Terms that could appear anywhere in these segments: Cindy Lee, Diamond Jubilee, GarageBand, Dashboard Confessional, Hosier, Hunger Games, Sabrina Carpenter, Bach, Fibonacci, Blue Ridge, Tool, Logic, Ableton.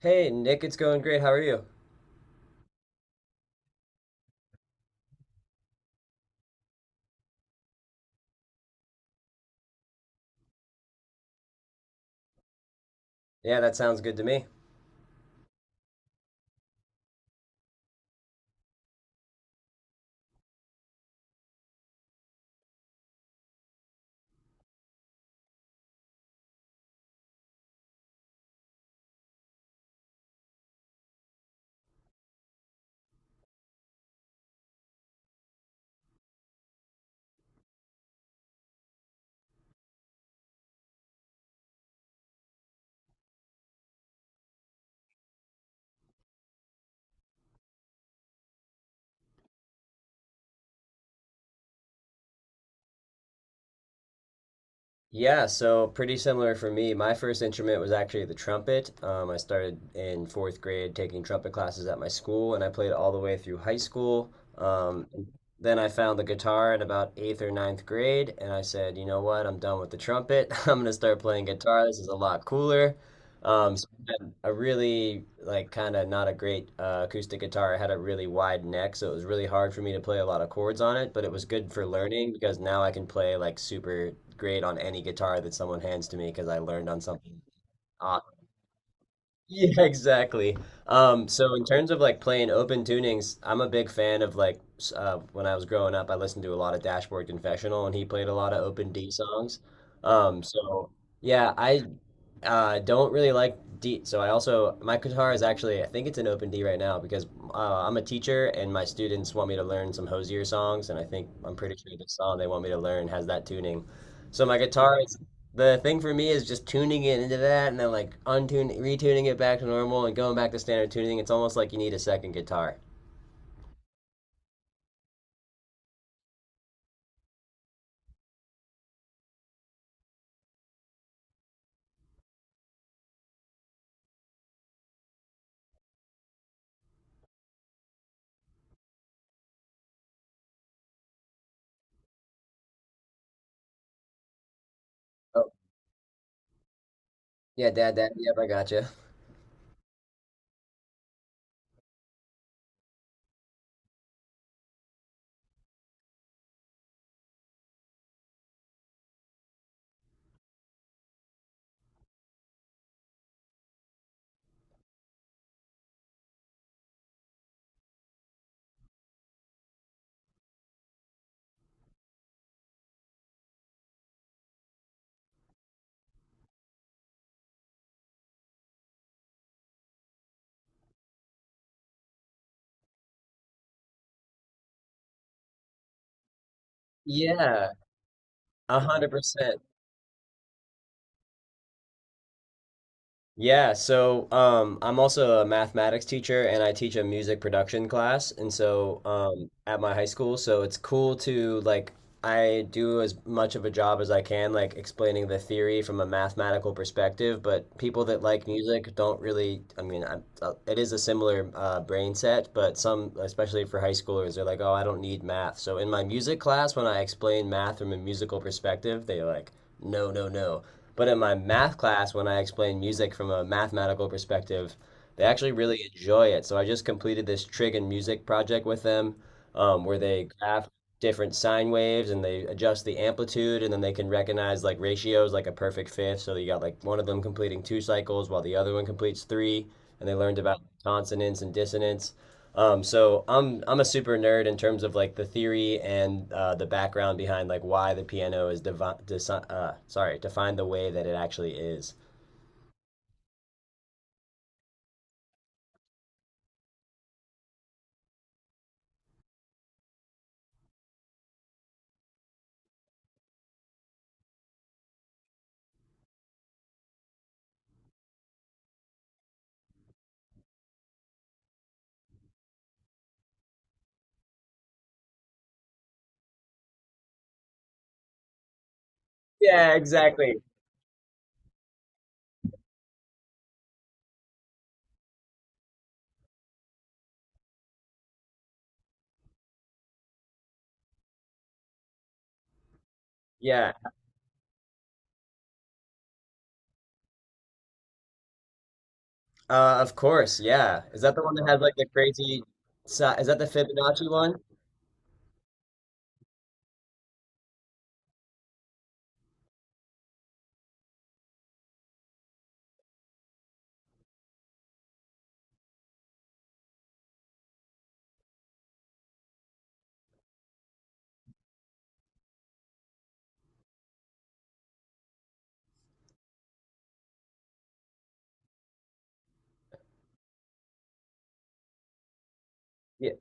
Hey, Nick, it's going great. How are you? Yeah, that sounds good to me. Yeah, so pretty similar for me. My first instrument was actually the trumpet. I started in fourth grade taking trumpet classes at my school, and I played all the way through high school. Um, then I found the guitar in about eighth or ninth grade, and I said, you know what, I'm done with the trumpet. I'm gonna start playing guitar. This is a lot cooler. So I had a really like kind of not a great acoustic guitar. It had a really wide neck, so it was really hard for me to play a lot of chords on it. But it was good for learning because now I can play like super great on any guitar that someone hands to me because I learned on something. Uh, yeah, exactly. So in terms of like playing open tunings, I'm a big fan of like when I was growing up, I listened to a lot of Dashboard Confessional, and he played a lot of open D songs. So yeah, I don't really like D. So I also my guitar is actually I think it's an open D right now because I'm a teacher and my students want me to learn some Hosier songs and I think I'm pretty sure the song they want me to learn has that tuning. So my guitar is the thing for me is just tuning it into that and then like untuning retuning it back to normal and going back to standard tuning. It's almost like you need a second guitar. Oh yeah, dad, dad. Yep, I gotcha. Yeah, 100%. Yeah, so I'm also a mathematics teacher and I teach a music production class, and so at my high school, so it's cool to like I do as much of a job as I can, like explaining the theory from a mathematical perspective. But people that like music don't really. I mean, it is a similar brain set, but some, especially for high schoolers, they're like, "Oh, I don't need math." So in my music class, when I explain math from a musical perspective, they are like, "No, no, no." But in my math class, when I explain music from a mathematical perspective, they actually really enjoy it. So I just completed this trig and music project with them, where they graph different sine waves and they adjust the amplitude and then they can recognize like ratios like a perfect fifth so you got like one of them completing two cycles while the other one completes three and they learned about consonants and dissonance. So I'm a super nerd in terms of like the theory and the background behind like why the piano is devi- desi- sorry defined the way that it actually is. Yeah, exactly. Yeah, of course, yeah. Is that the one that has like the crazy? Is that the Fibonacci one? Yeah.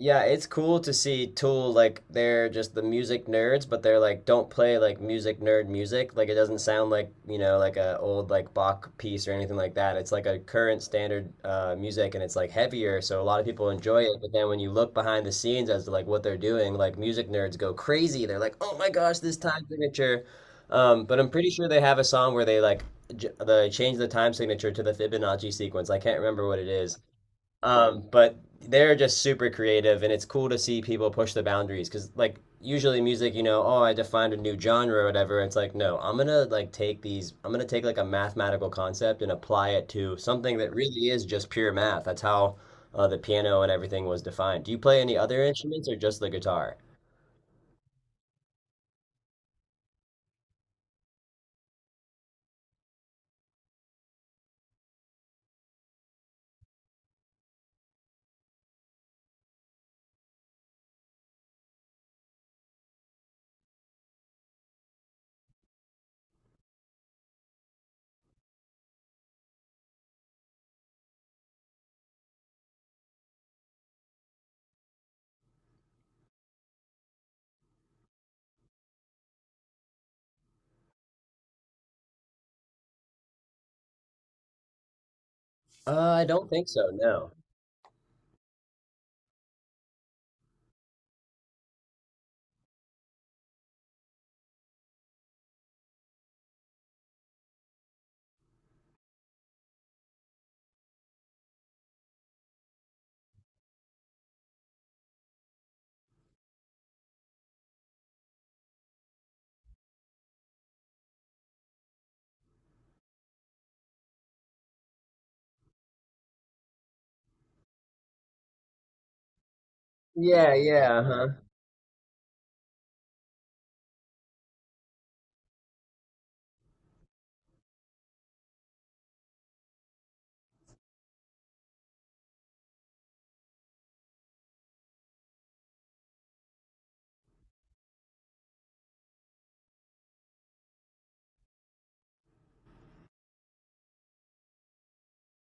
Yeah, it's cool to see Tool like they're just the music nerds, but they're like don't play like music nerd music. Like it doesn't sound like, you know, like a old like Bach piece or anything like that. It's like a current standard music and it's like heavier, so a lot of people enjoy it, but then when you look behind the scenes as to like what they're doing, like music nerds go crazy. They're like, "Oh my gosh, this time signature." But I'm pretty sure they have a song where they like they change the time signature to the Fibonacci sequence. I can't remember what it is. But they're just super creative, and it's cool to see people push the boundaries because, like, usually music, you know, oh, I defined a new genre or whatever. It's like, no, I'm gonna like take these, I'm gonna take like a mathematical concept and apply it to something that really is just pure math. That's how the piano and everything was defined. Do you play any other instruments or just the guitar? I don't think so, no. Yeah, yeah, huh?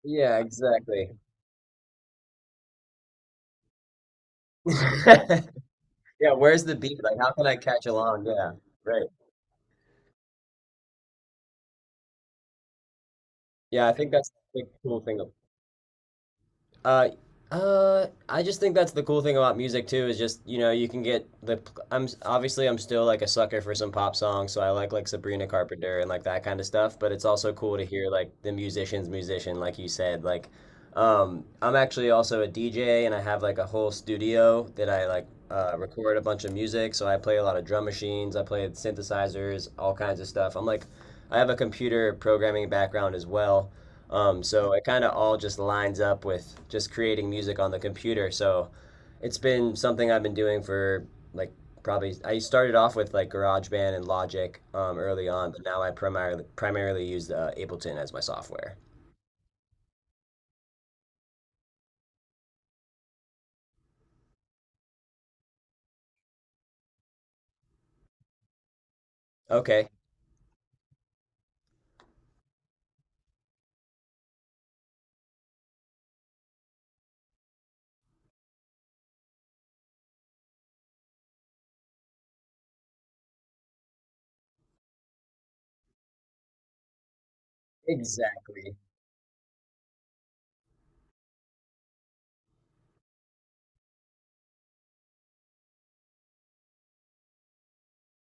Yeah, exactly. Yeah, where's the beat? Like, how can I catch along? Yeah, right. Yeah, I think that's the cool thing. Uh, I just think that's the cool thing about music too is just you know you can get the I'm obviously I'm still like a sucker for some pop songs so I like Sabrina Carpenter and like that kind of stuff but it's also cool to hear like the musician's musician like you said like I'm actually also a DJ and I have like a whole studio that I like record a bunch of music so I play a lot of drum machines I play synthesizers all kinds of stuff I'm like I have a computer programming background as well. So it kind of all just lines up with just creating music on the computer. So it's been something I've been doing for like probably I started off with like GarageBand and Logic early on, but now I primarily use Ableton as my software. Okay. Exactly.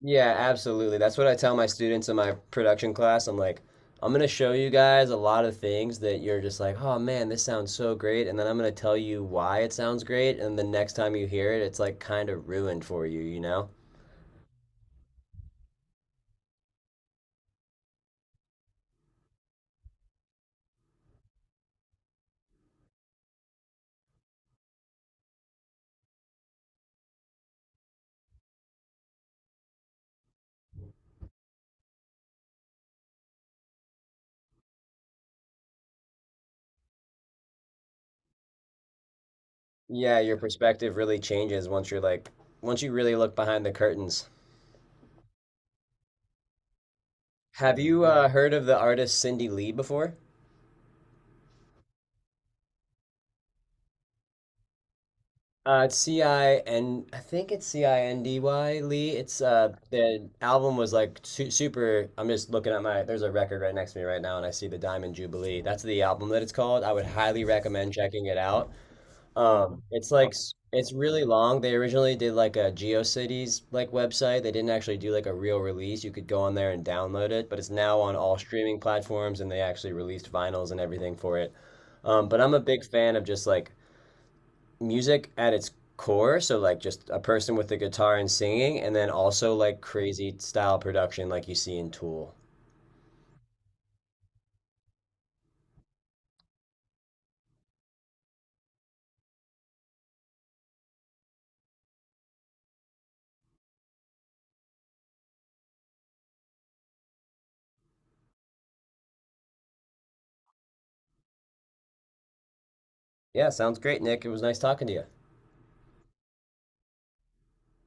Yeah, absolutely. That's what I tell my students in my production class. I'm like, I'm gonna show you guys a lot of things that you're just like, oh man, this sounds so great, and then I'm gonna tell you why it sounds great, and the next time you hear it, it's like kind of ruined for you, you know? Yeah, your perspective really changes once you're like, once you really look behind the curtains. Have you heard of the artist Cindy Lee before? It's Cin. I think it's Cindy Lee. It's the album was like su super. I'm just looking at my. There's a record right next to me right now, and I see the Diamond Jubilee. That's the album that it's called. I would highly recommend checking it out. It's like it's really long. They originally did like a GeoCities like website. They didn't actually do like a real release. You could go on there and download it, but it's now on all streaming platforms, and they actually released vinyls and everything for it. But I'm a big fan of just like music at its core, so like just a person with a guitar and singing, and then also like crazy style production like you see in Tool. Yeah, sounds great, Nick. It was nice talking to you.